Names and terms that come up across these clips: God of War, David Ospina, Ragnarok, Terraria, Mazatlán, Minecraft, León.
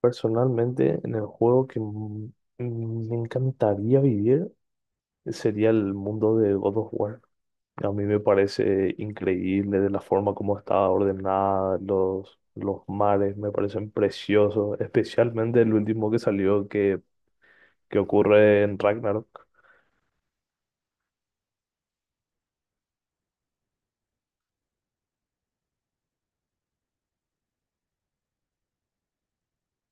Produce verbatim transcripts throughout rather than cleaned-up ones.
Personalmente, en el juego que m- me encantaría vivir sería el mundo de God of War. A mí me parece increíble de la forma como está ordenada, los, los mares me parecen preciosos, especialmente el último que salió que, que ocurre en Ragnarok.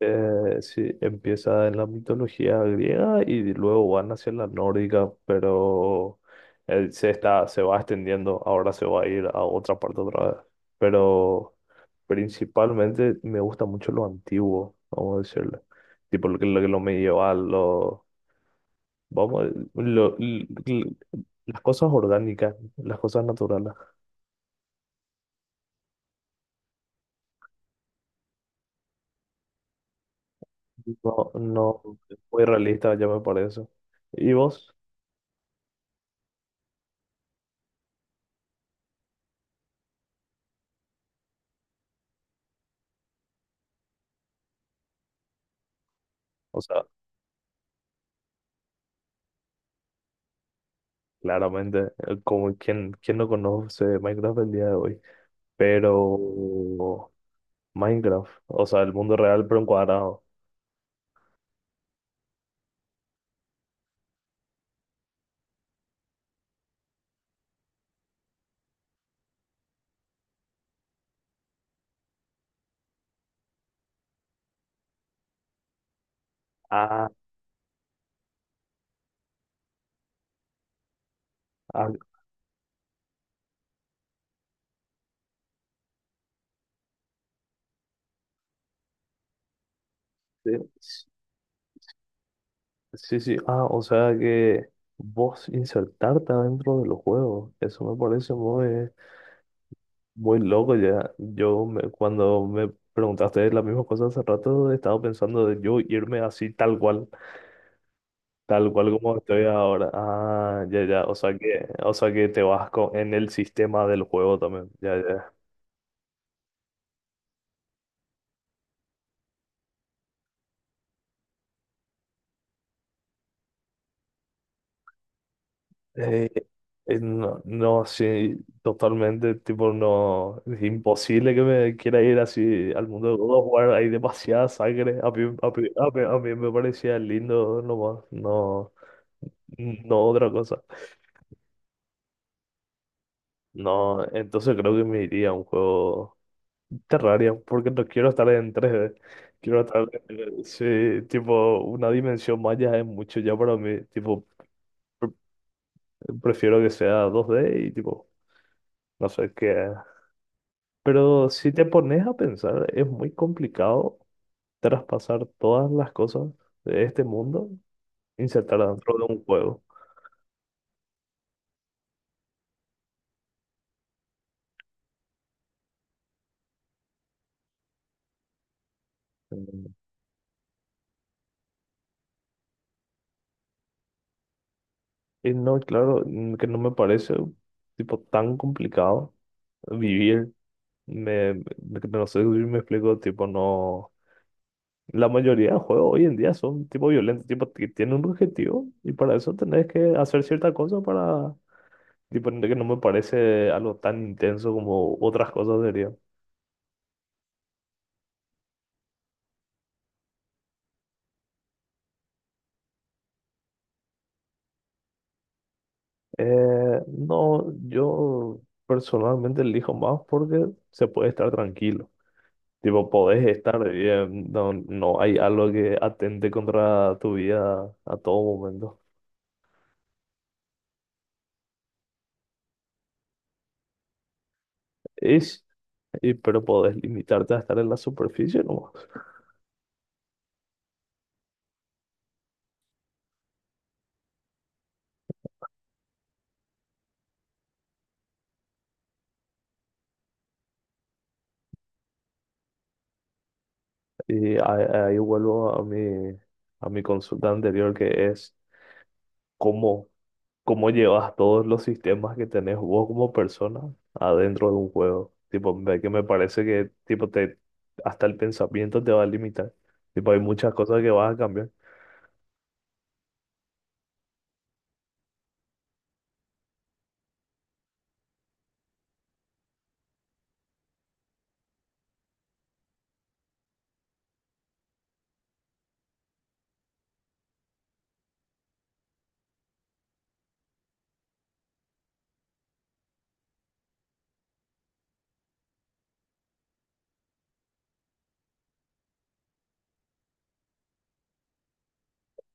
Eh, sí, empieza en la mitología griega y luego van hacia la nórdica, pero él se está, se va extendiendo, ahora se va a ir a otra parte otra vez. Pero principalmente me gusta mucho lo antiguo, vamos a decirlo, tipo lo que lo, que lo medieval, lo, vamos, a- lo- l- l- las cosas orgánicas, las cosas naturales. No, no, muy realista ya me parece. ¿Y vos? O sea, claramente, eh, como quien, quien no conoce Minecraft el día de hoy. Pero Minecraft, o sea, el mundo real pero encuadrado. Ah, ah, sí. Sí, sí. Ah, o sea que vos insertarte adentro de los juegos. Eso me parece muy, muy loco ya. Yo me- cuando me preguntaste la misma cosa hace rato, estaba pensando de yo irme así tal cual, tal cual como estoy ahora. Ah, ya, ya. O sea que, o sea que te vas con- en el sistema del juego también. Ya, ya. Eh, eh, no, no, sí, totalmente, tipo, no, es imposible que me quiera ir así al mundo de God of War, hay demasiada sangre, a mí, a mí- a mí- a mí me parecía lindo nomás, no, no otra cosa. No, entonces creo que me iría a un juego Terraria, porque no quiero estar en tres d, quiero estar, en- sí, tipo, una dimensión más ya es mucho ya para mí, tipo, prefiero que sea dos d y tipo, no sé qué. Pero si te pones a pensar, es muy complicado traspasar todas las cosas de este mundo, insertarlas dentro de un juego. Mm. Y no, claro, mm, que no me parece tipo tan complicado vivir. Me, me- no sé si me explico, tipo, no. La mayoría de juegos hoy en día son tipo violentos, tipo, que tienen un objetivo y para eso tenés que hacer cierta cosa para, tipo, que no me parece algo tan intenso como otras cosas sería. Eh, no, yo personalmente elijo más porque se puede estar tranquilo. Tipo, podés estar bien, no, no hay algo que atente contra tu vida a todo momento. Es, y- pero podés limitarte a estar en la superficie, ¿no? Y ahí, ahí vuelvo a mi, a mi consulta anterior que es cómo. ¿Cómo llevas todos los sistemas que tenés vos como persona adentro de un juego? Tipo, me- que me parece que tipo te hasta el pensamiento te va a limitar. Tipo, hay muchas cosas que vas a cambiar.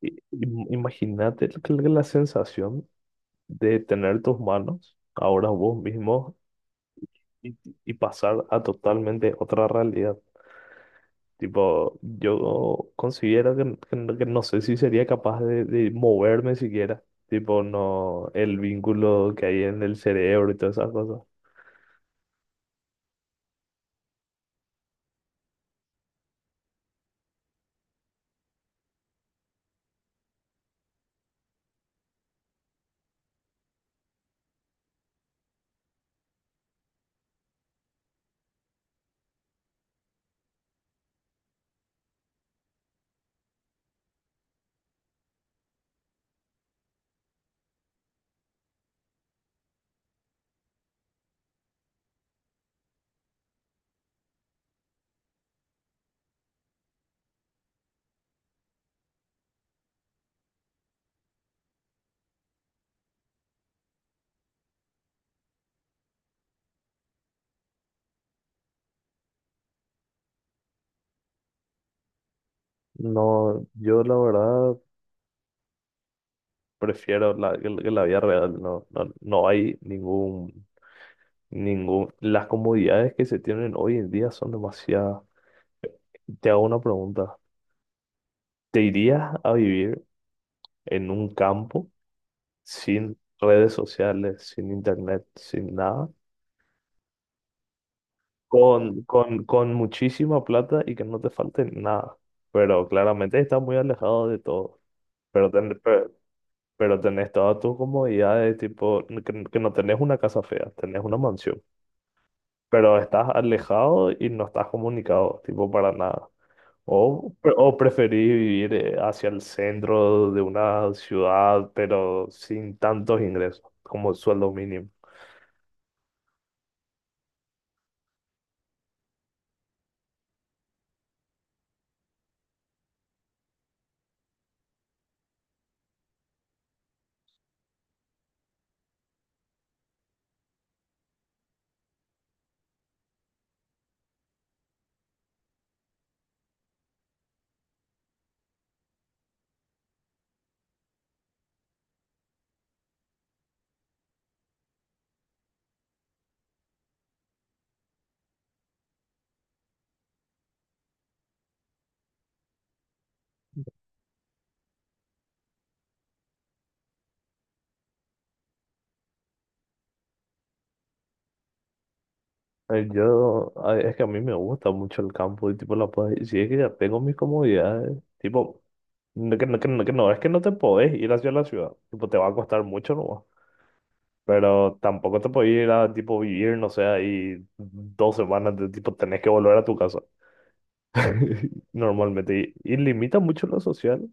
I- im- Imagínate la, la- la sensación de tener tus manos ahora vos mismo y, y pasar a totalmente otra realidad. Tipo, yo considero que, que- que no sé si sería capaz de, de moverme siquiera. Tipo, no, el vínculo que hay en el cerebro y todas esas cosas. No, yo la verdad prefiero la, que la que la vida real. No, no, no hay ningún, ningún. Las comodidades que se tienen hoy en día son demasiadas. Te hago una pregunta. ¿Te irías a vivir en un campo sin redes sociales, sin internet, sin nada? Con, con, con muchísima plata y que no te falte nada. Pero claramente estás muy alejado de todo. Pero, ten- pe- pero tenés todas tus comodidades, tipo, que, que no tenés una casa fea, tenés una mansión. Pero estás alejado y no estás comunicado, tipo, para nada. O, pre- o preferís vivir eh, hacia el centro de una ciudad, pero sin tantos ingresos, como el sueldo mínimo. Eh, Yo, a- es que a mí me gusta mucho el campo y tipo la puedes, si es que ya tengo mis comodidades, tipo, no, que, no, que, no, que no, es que no te podés ir hacia la ciudad, tipo, te va a costar mucho, ¿no? Pero tampoco te podés ir a, tipo, vivir, no sé, ahí dos semanas, de, tipo, tenés que volver a tu casa, normalmente, y, y limita mucho lo social,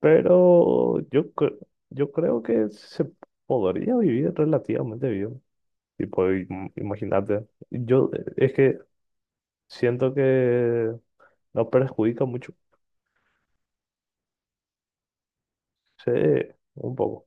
pero yo, cre- yo creo que se podría vivir relativamente bien, tipo, im- imagínate, yo, eh, es que siento que no perjudica mucho. Sí, un poco.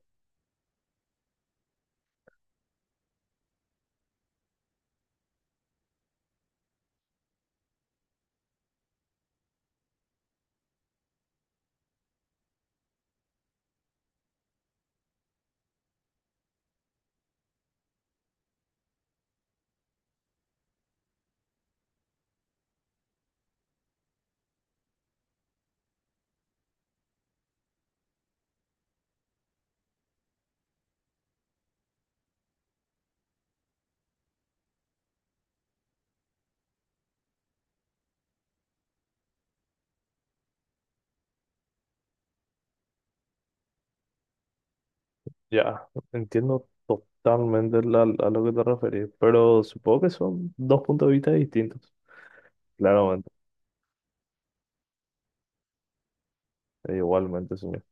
Ya, entiendo totalmente la- a lo que te referís, pero supongo que son dos puntos de vista distintos. Claramente, e igualmente, señor.